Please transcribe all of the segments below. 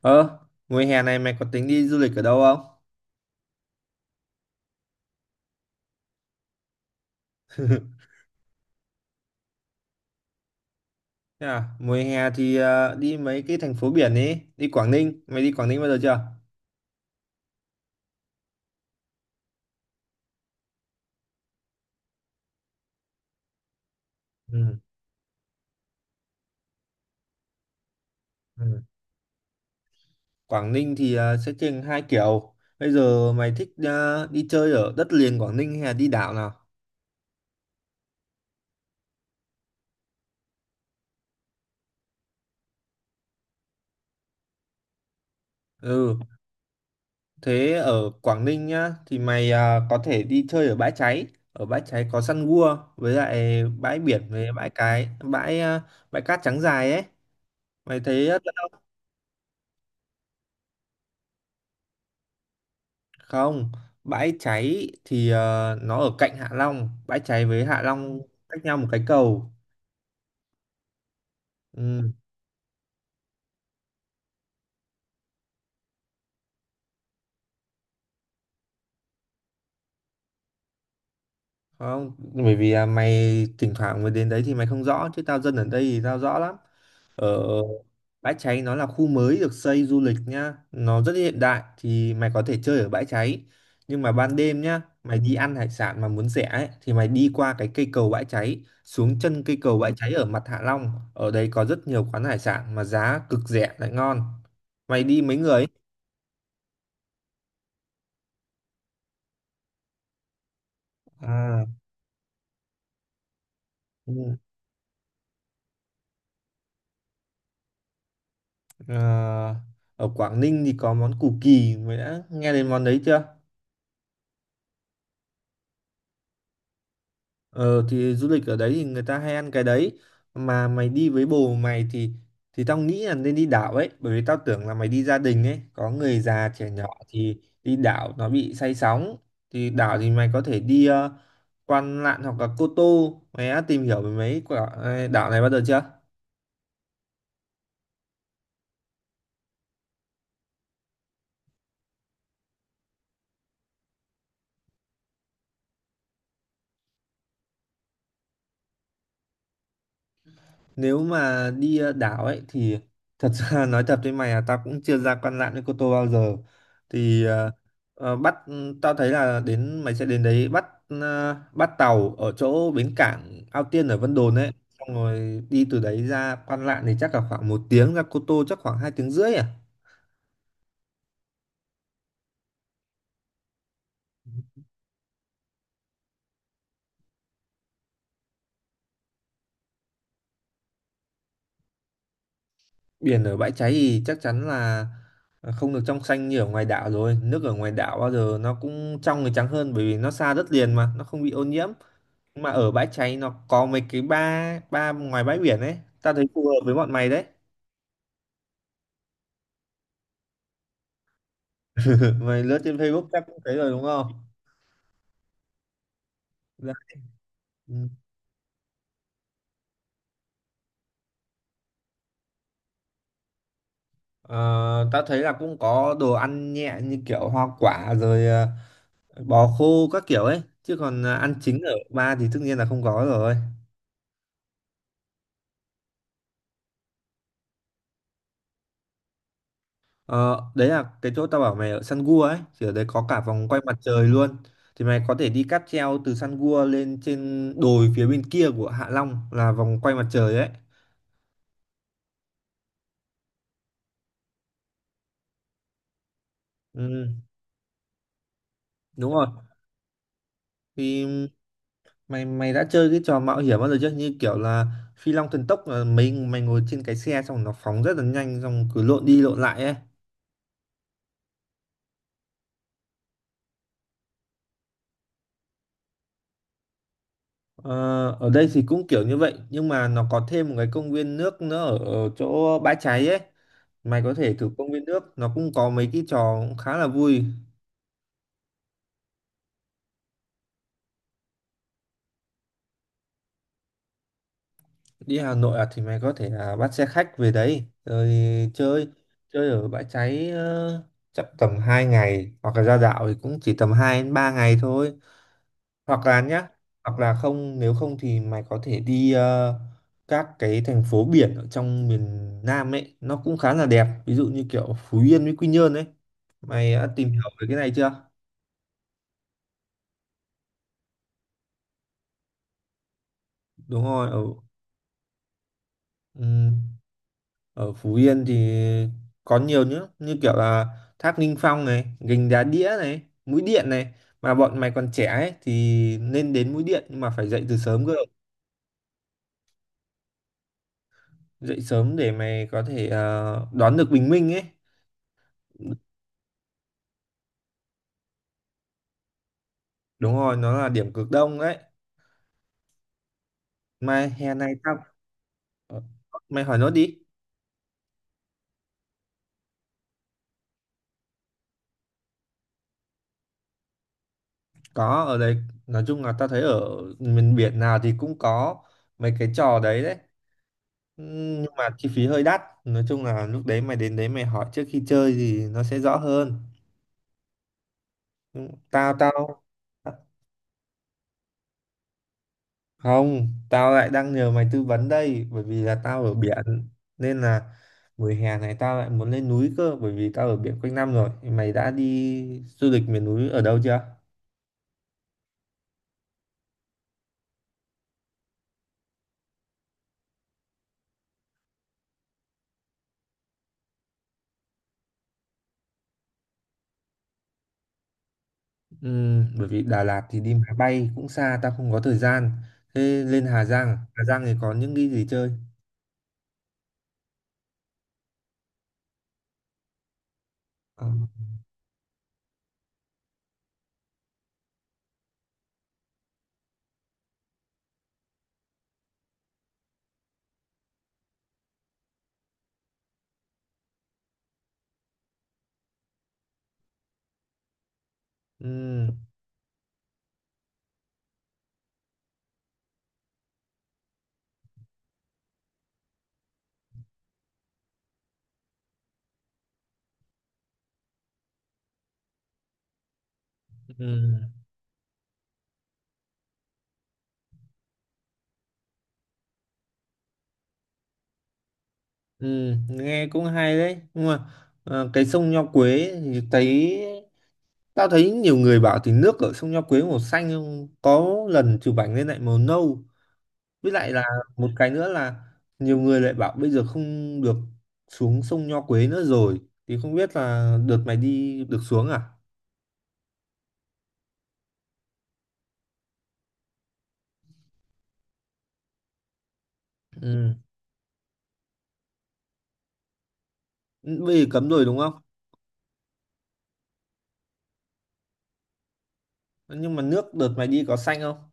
Ờ, mùa hè này mày có tính đi du lịch ở đâu không? Thế à? Mùa hè thì đi mấy cái thành phố biển ấy, đi Quảng Ninh. Mày đi Quảng Ninh bao giờ chưa? Ừ. Ừ. Quảng Ninh thì sẽ trên hai kiểu. Bây giờ mày thích đi chơi ở đất liền Quảng Ninh hay là đi đảo nào? Ừ, thế ở Quảng Ninh nhá thì mày có thể đi chơi ở Bãi Cháy. Ở Bãi Cháy có săn gua với lại bãi biển với cái bãi cát trắng dài ấy. Mày thấy rất không, bãi cháy thì nó ở cạnh Hạ Long, bãi cháy với Hạ Long, ừ, cách nhau một cái cầu. Ừ, không, bởi vì à, mày thỉnh thoảng mới đến đấy thì mày không rõ, chứ tao dân ở đây thì tao rõ lắm. Ở bãi cháy nó là khu mới được xây du lịch nhá, nó rất hiện đại, thì mày có thể chơi ở bãi cháy. Nhưng mà ban đêm nhá, mày đi ăn hải sản mà muốn rẻ ấy, thì mày đi qua cái cây cầu bãi cháy, xuống chân cây cầu bãi cháy ở mặt Hạ Long, ở đấy có rất nhiều quán hải sản mà giá cực rẻ lại ngon. Mày đi mấy người ấy? À, ừ, à, ở Quảng Ninh thì có món củ kỳ, mày đã nghe đến món đấy chưa? Ờ thì du lịch ở đấy thì người ta hay ăn cái đấy, mà mày đi với bồ mày thì tao nghĩ là nên đi đảo ấy, bởi vì tao tưởng là mày đi gia đình ấy, có người già trẻ nhỏ thì đi đảo nó bị say sóng. Thì đảo thì mày có thể đi Quan Lạn hoặc là Cô Tô. Mày đã tìm hiểu về mấy quả đảo này bao giờ chưa? Nếu mà đi đảo ấy thì thật ra nói thật với mày là tao cũng chưa ra Quan Lạn với Cô Tô bao giờ. Thì ờ, tao thấy là mày sẽ đến đấy bắt tàu ở chỗ bến cảng Ao Tiên ở Vân Đồn ấy, xong rồi đi từ đấy ra Quan Lạn thì chắc là khoảng một tiếng, ra Cô Tô chắc khoảng hai tiếng rưỡi à. Biển ở bãi cháy thì chắc chắn là không được trong xanh như ở ngoài đảo rồi. Nước ở ngoài đảo bao giờ nó cũng trong thì trắng hơn, bởi vì nó xa đất liền mà, nó không bị ô nhiễm. Nhưng mà ở bãi cháy nó có mấy cái ba ba ngoài bãi biển ấy, tao thấy phù hợp với bọn mày đấy. Mày lướt trên Facebook chắc cũng thấy rồi đúng không? Dạ. Ừ. Ờ, tao thấy là cũng có đồ ăn nhẹ như kiểu hoa quả rồi bò khô các kiểu ấy, chứ còn ăn chính ở ba thì tất nhiên là không có rồi. Ờ, đấy là cái chỗ tao bảo mày ở Sun Gua ấy, thì ở đấy có cả vòng quay mặt trời luôn. Thì mày có thể đi cáp treo từ Sun Gua lên trên đồi phía bên kia của Hạ Long là vòng quay mặt trời ấy. Ừ. Đúng rồi. Thì mày mày đã chơi cái trò mạo hiểm bao giờ chưa, như kiểu là phi long thần tốc là mấy mày ngồi trên cái xe xong nó phóng rất là nhanh, xong cứ lộn đi lộn lại ấy. ờ, ở đây thì cũng kiểu như vậy, nhưng mà nó có thêm một cái công viên nước nữa ở, ở chỗ bãi cháy ấy. Mày có thể thử công viên nước, nó cũng có mấy cái trò cũng khá là vui. Đi Hà Nội à? Thì mày có thể là bắt xe khách về đấy rồi chơi, chơi ở bãi cháy chắc tầm 2 ngày, hoặc là ra đảo thì cũng chỉ tầm 2 đến 3 ngày thôi. Hoặc là nhá, hoặc là không, nếu không thì mày có thể đi các cái thành phố biển ở trong miền Nam ấy, nó cũng khá là đẹp, ví dụ như kiểu Phú Yên với Quy Nhơn ấy. Mày đã tìm hiểu về cái này chưa? Đúng rồi. Ở ừm, ở Phú Yên thì có nhiều nữa, như kiểu là Thác Ninh Phong này, Gành Đá Đĩa này, Mũi Điện này. Mà bọn mày còn trẻ ấy thì nên đến Mũi Điện, nhưng mà phải dậy từ sớm cơ. Dậy sớm để mày có thể đón được bình minh ấy. Đúng rồi, nó là điểm cực đông đấy. Mai hè này tao ờ, mày hỏi nốt đi. Có, ở đấy, nói chung là tao thấy ở miền biển nào thì cũng có mấy cái trò đấy đấy. Nhưng mà chi phí hơi đắt. Nói chung là lúc đấy mày đến đấy mày hỏi trước khi chơi thì nó sẽ rõ hơn. Tao tao không, tao lại đang nhờ mày tư vấn đây, bởi vì là tao ở biển nên là mùa hè này tao lại muốn lên núi cơ, bởi vì tao ở biển quanh năm rồi. Mày đã đi du lịch miền núi ở đâu chưa? Ừ, bởi vì Đà Lạt thì đi máy bay cũng xa, tao không có thời gian. Thế lên Hà Giang à? Hà Giang thì có những cái gì chơi? Ờ. Ừ. Ừ. Ừ, nghe cũng hay đấy, nhưng mà cái sông Nho Quế thì thấy tao thấy nhiều người bảo thì nước ở sông Nho Quế màu xanh, nhưng có lần chụp ảnh lên lại màu nâu. Với lại là một cái nữa là nhiều người lại bảo bây giờ không được xuống sông Nho Quế nữa rồi, thì không biết là đợt mày đi được xuống à. Ừ, bây giờ cấm rồi đúng không? Nhưng mà nước đợt mày đi có xanh không?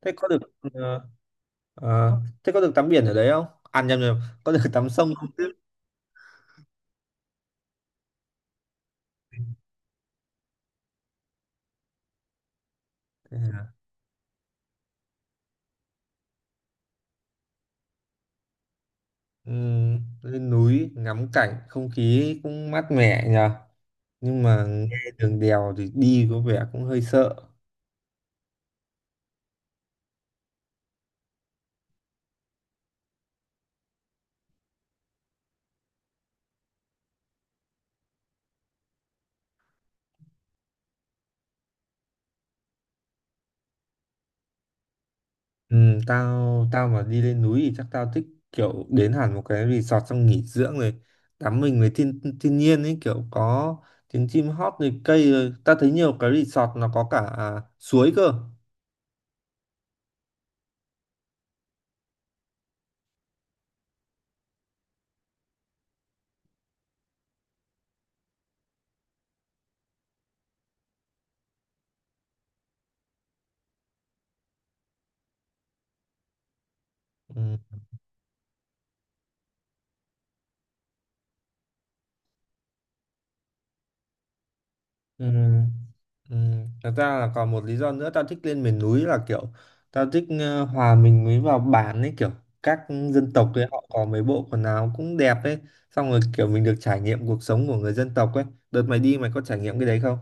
thế có được ờ, ờ, thế có được tắm biển ở đấy không? À nhầm, nhầm, có được tắm sông không chứ. Thế à? Lên núi ngắm cảnh không khí cũng mát mẻ nhờ. Nhưng mà nghe đường đèo thì đi có vẻ cũng hơi sợ. Ừ, tao tao mà đi lên núi thì chắc tao thích kiểu đến hẳn một cái resort xong nghỉ dưỡng rồi tắm mình với thiên thiên nhiên ấy, kiểu có tiếng chim hót rồi cây rồi, tao thấy nhiều cái resort nó có cả à, suối cơ. Ừ. Ừ. Ừ. Thật ra là còn một lý do nữa tao thích lên miền núi là kiểu tao thích hòa mình mới vào bản ấy, kiểu các dân tộc ấy họ có mấy bộ quần áo cũng đẹp ấy, xong rồi kiểu mình được trải nghiệm cuộc sống của người dân tộc ấy. Đợt mày đi mày có trải nghiệm cái đấy không?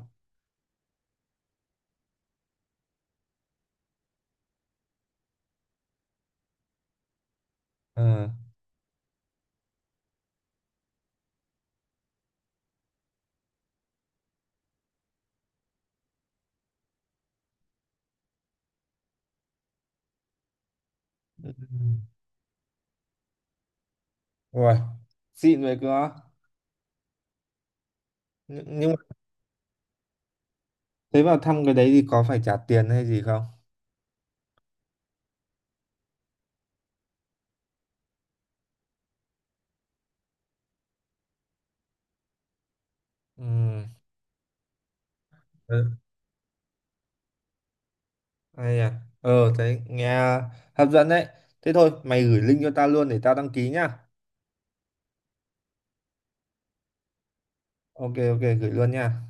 Ờ. Ừ. Ui, xịn vậy cơ á. Nhưng mà thế vào thăm cái đấy thì có phải trả tiền hay gì không? Ừ. Ừ. Hay à? Ờ, thấy nghe hấp dẫn đấy. Thế thôi mày gửi link cho tao luôn để tao đăng ký nhá. OK, OK, gửi luôn nha.